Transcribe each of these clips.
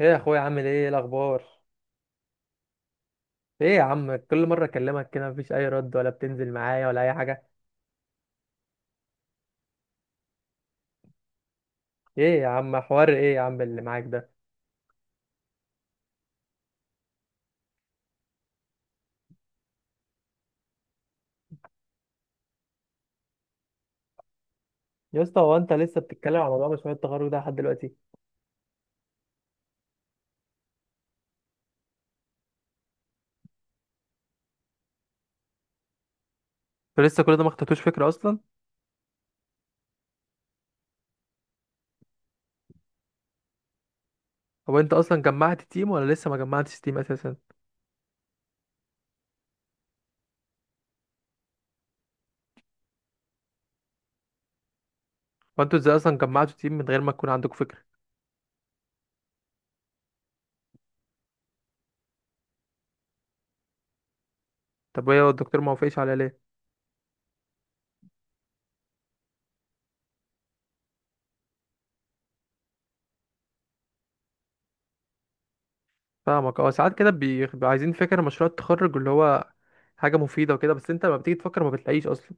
ايه يا اخويا، عامل ايه؟ إيه الاخبار؟ ايه يا عم، كل مره اكلمك كده مفيش اي رد، ولا بتنزل معايا، ولا اي حاجه؟ ايه يا عم، حوار ايه يا عم اللي معاك ده؟ يا اسطى، هو انت لسه بتتكلم على موضوع مشروع التخرج ده لحد دلوقتي؟ انت لسه كل ده ما خدتوش فكره اصلا؟ هو انت اصلا جمعت تيم، ولا لسه ما جمعتش تيم اساسا؟ وانتوا ازاي اصلا جمعتوا تيم من غير ما تكون عندكم فكره؟ طب ايه هو الدكتور ما وافقش عليها ليه؟ فاهمك. اه ساعات كده بيبقى عايزين فكره مشروع التخرج اللي هو حاجه مفيده وكده، بس انت لما بتيجي تفكر ما بتلاقيش اصلا.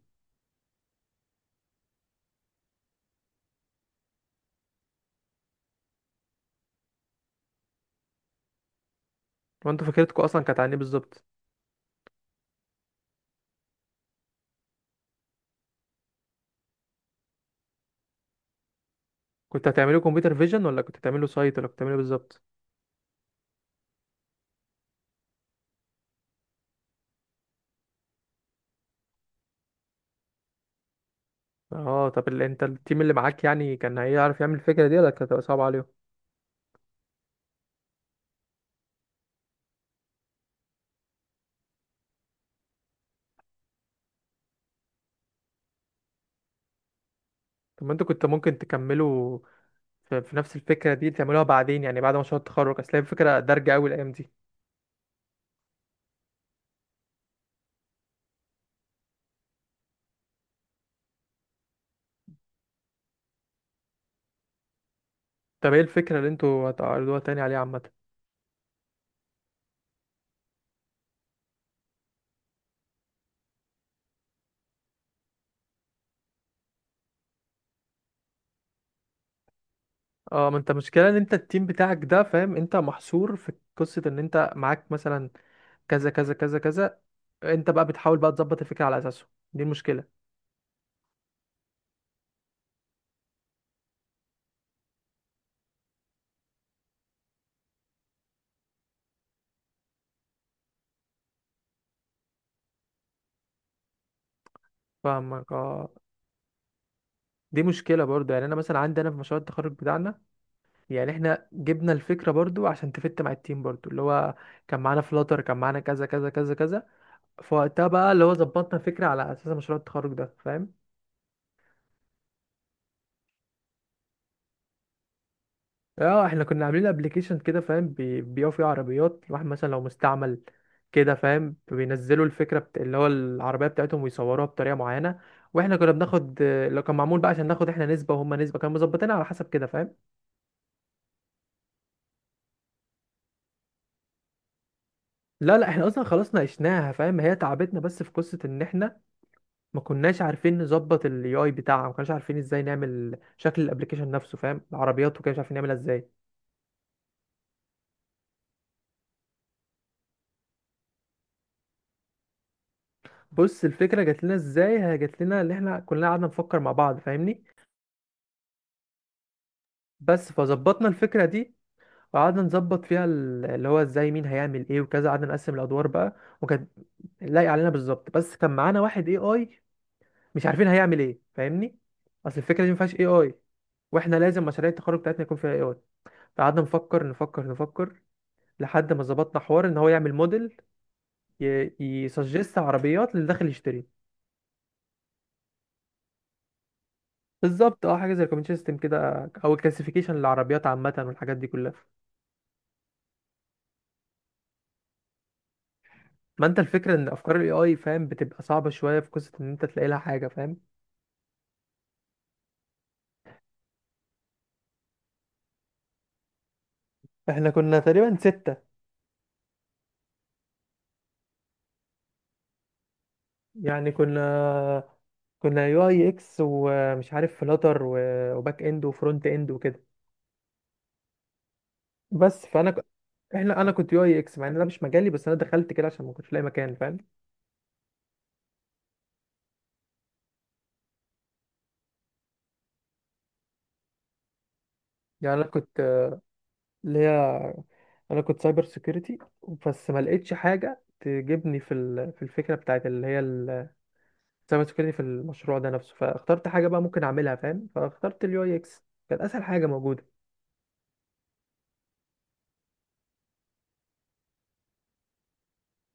وانتوا فكرتكم اصلا كانت عن ايه بالظبط؟ كنت هتعمله كمبيوتر فيجن، ولا كنت هتعمله سايت، ولا كنت هتعمله بالظبط؟ اه طب انت التيم اللي معاك يعني كان هيعرف يعمل الفكره دي، ولا كانت هتبقى صعبه عليهم؟ طب ما انتوا كنت ممكن تكملوا في نفس الفكره دي، تعملوها بعدين يعني بعد مشروع التخرج، اصل هي الفكره دارجه قوي الايام دي. طب ايه الفكره اللي انتوا هتعرضوها تاني عليها عامه؟ اه، ما انت مشكله ان انت التيم بتاعك ده، فاهم؟ انت محصور في قصه ان انت معاك مثلا كذا كذا كذا كذا، انت بقى بتحاول بقى تظبط الفكره على اساسه. دي المشكله. فاهمك. اه دي مشكلة برضو، يعني أنا مثلا عندي أنا في مشروع التخرج بتاعنا. يعني إحنا جبنا الفكرة برضو عشان تفت مع التيم برضو، اللي هو كان معانا فلاتر، كان معانا كذا كذا كذا كذا، فوقتها بقى اللي هو ظبطنا الفكرة على أساس مشروع التخرج ده، فاهم؟ اه احنا كنا عاملين ابلكيشن كده، فاهم؟ بيبيعوا فيه عربيات، الواحد مثلا لو مستعمل كده، فاهم؟ بينزلوا الفكرة اللي هو العربية بتاعتهم ويصوروها بطريقة معينة. واحنا كنا بناخد، لو كان معمول بقى، عشان ناخد احنا نسبة وهم نسبة، كانوا مظبطينها على حسب كده، فاهم؟ لا، لا، احنا اصلا خلاص ناقشناها، فاهم؟ هي تعبتنا بس في قصه ان احنا ما كناش عارفين نظبط الاي اي بتاعها، ما كناش عارفين ازاي نعمل شكل الابلكيشن نفسه، فاهم؟ العربيات وكده مش عارفين نعملها ازاي. بص، الفكره جات لنا ازاي؟ هي جات لنا اللي احنا كلنا قعدنا نفكر مع بعض، فاهمني؟ بس فظبطنا الفكره دي، وقعدنا نظبط فيها اللي هو ازاي مين هيعمل ايه وكذا، قعدنا نقسم الادوار بقى، وكانت لايق علينا بالظبط، بس كان معانا واحد اي اي مش عارفين هيعمل ايه، فاهمني؟ اصل الفكره دي ما فيهاش اي اي. واحنا لازم مشاريع التخرج بتاعتنا يكون فيها اي اي. قعدنا نفكر، نفكر، نفكر، لحد ما ظبطنا حوار ان هو يعمل موديل يسجست عربيات للي داخل يشتري. بالظبط، اه حاجه زي الكومنت سيستم كده او كلاسيفيكيشن للعربيات عامه والحاجات دي كلها. ما انت الفكره ان افكار الاي اي، فاهم، بتبقى صعبه شويه، في قصه ان انت تلاقي لها حاجه، فاهم؟ احنا كنا تقريبا 6، يعني كنا يو اي اكس ومش عارف فلاتر وباك اند وفرونت اند وكده. بس فانا ك- احنا انا كنت يو اي اكس مع ان ده مش مجالي، بس انا دخلت كده عشان ما كنتش لاقي مكان، فاهم؟ يعني اللي هي انا كنت سايبر سيكيورتي. بس ما لقيتش حاجه تجيبني في الفكره بتاعت اللي هي السايبر سيكيورتي في المشروع ده نفسه، فاخترت حاجه بقى ممكن اعملها، فاهم؟ فاخترت اليو اي اكس، كانت اسهل حاجه موجوده.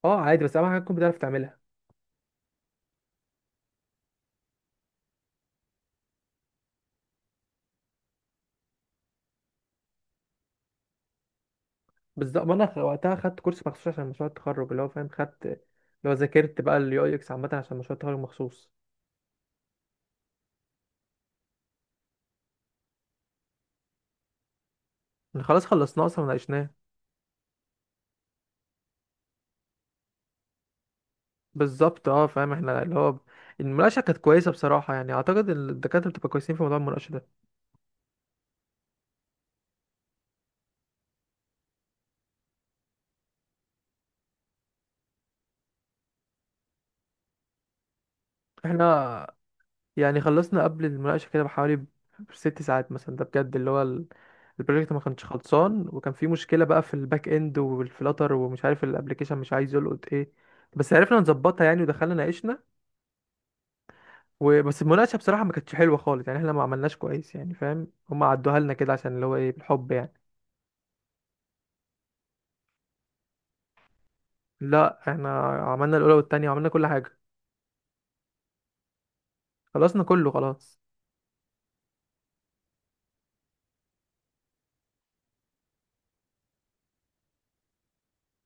اه عادي، بس اهم حاجه تكون بتعرف تعملها. بالظبط، ما انا وقتها خدت كورس مخصوص عشان مشروع التخرج، اللي هو فاهم، خدت اللي هو ذاكرت بقى اليو اي اكس عامه عشان مشروع التخرج مخصوص. خلاص، خلصناه اصلا وناقشناه. بالظبط، اه فاهم. احنا اللي هو المناقشه كانت كويسه بصراحه، يعني اعتقد إن الدكاتره بتبقى كويسين في موضوع المناقشه ده. احنا يعني خلصنا قبل المناقشة كده بحوالي 6 ساعات مثلا، ده بجد، اللي هو البروجكت ما كانش خلصان، وكان في مشكلة بقى في الباك اند والفلاتر، ومش عارف الابلكيشن مش عايز يلقط ايه. بس عرفنا نظبطها يعني، ودخلنا ناقشنا. وبس المناقشة بصراحة ما كانتش حلوة خالص، يعني احنا ما عملناش كويس يعني، فاهم؟ هم عدوها لنا كده عشان اللي هو ايه بالحب يعني. لا، احنا عملنا الأولى والتانية، وعملنا كل حاجة. خلصنا كله خلاص.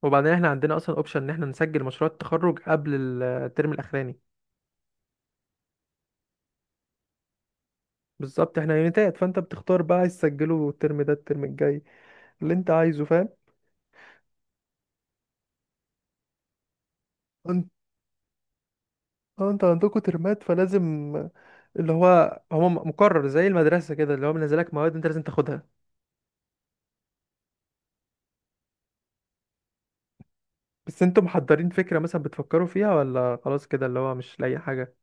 وبعدين احنا عندنا اصلا اوبشن ان احنا نسجل مشروع التخرج قبل الترم الاخراني. بالظبط، احنا يونيتات، فانت بتختار بقى عايز تسجله الترم ده، الترم الجاي، اللي انت عايزه فاهم؟ انت اه انت عندكوا ترمات فلازم، اللي هو مقرر زي المدرسة كده، اللي هو منزلك مواد انت لازم تاخدها. بس انتوا محضرين فكرة مثلا بتفكروا فيها، ولا خلاص كده اللي هو مش لاقي حاجة؟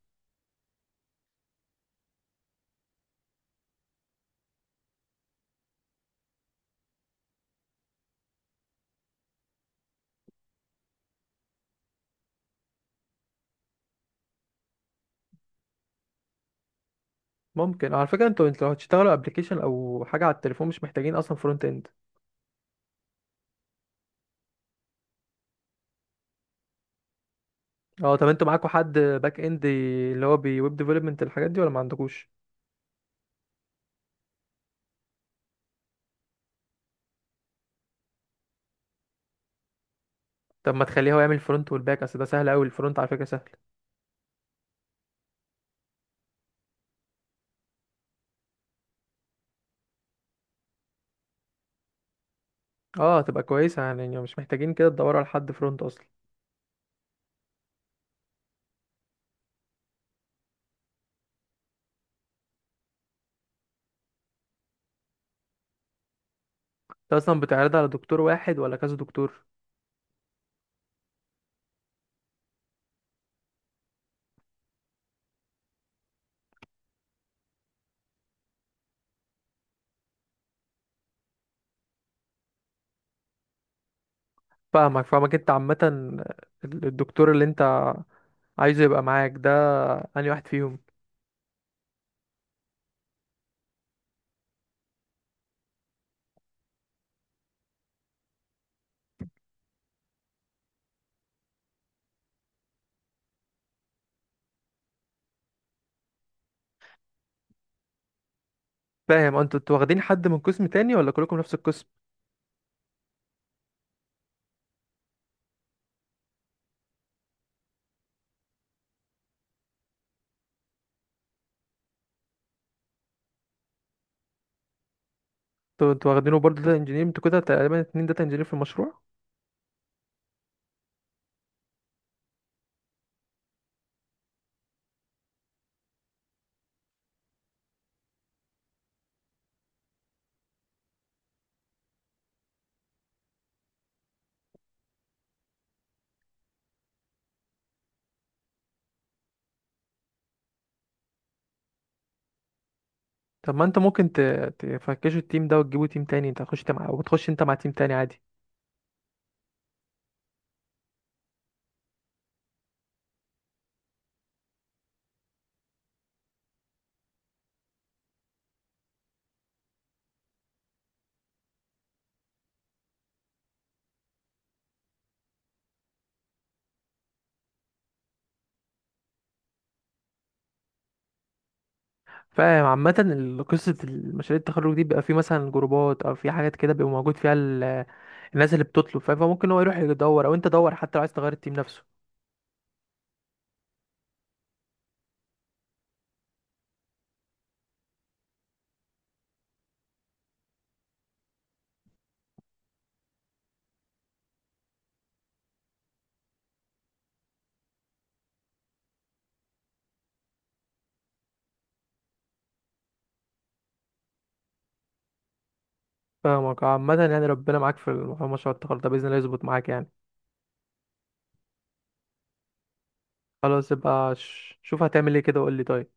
ممكن على فكرة، انتوا لو هتشتغلوا ابلكيشن او حاجة على التليفون مش محتاجين اصلا فرونت اند. اه طب انتوا معاكوا حد باك اند، اللي هو بويب ديفلوبمنت الحاجات دي، ولا ما عندكوش؟ طب ما تخليه هو يعمل الفرونت والباك، اصل ده سهل قوي، الفرونت على فكرة سهل. اه تبقى كويسة، يعني مش محتاجين كده تدوروا على حد فرونت اصلا. انت اصلا بتعرض على دكتور واحد، ولا كذا دكتور؟ فاهمك، فاهمك. انت عامة الدكتور اللي انت عايزه يبقى معاك ده انهي واحد فيهم؟ فاهم. انتوا واخدين حد من قسم تاني، ولا كلكم نفس القسم؟ انتوا واخدينه برضه داتا انجينير، انتوا كده تقريبا 2 داتا انجينير في المشروع. طب ما انت ممكن تفكشوا التيم ده وتجيبوا تيم تاني، انت هتخش مع، وتخش انت مع تيم تاني عادي. فاهم. عامة قصة المشاريع التخرج دي بيبقى في مثلا جروبات او في حاجات كده بيبقى موجود فيها الناس اللي بتطلب، فاهم؟ فممكن هو يروح يدور، او انت دور حتى لو عايز تغير التيم نفسه. فاهمك. عامة يعني ربنا معاك في مشروع التخرج ده، بإذن الله يظبط معاك يعني. خلاص يبقى شوف هتعمل ايه كده وقول لي، طيب؟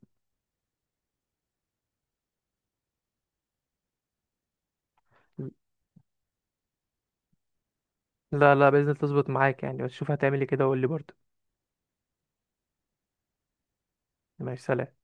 لا، لا، بإذن الله تظبط معاك يعني، بس شوف هتعمل ايه كده وقول لي برضه. ماشي، سلام.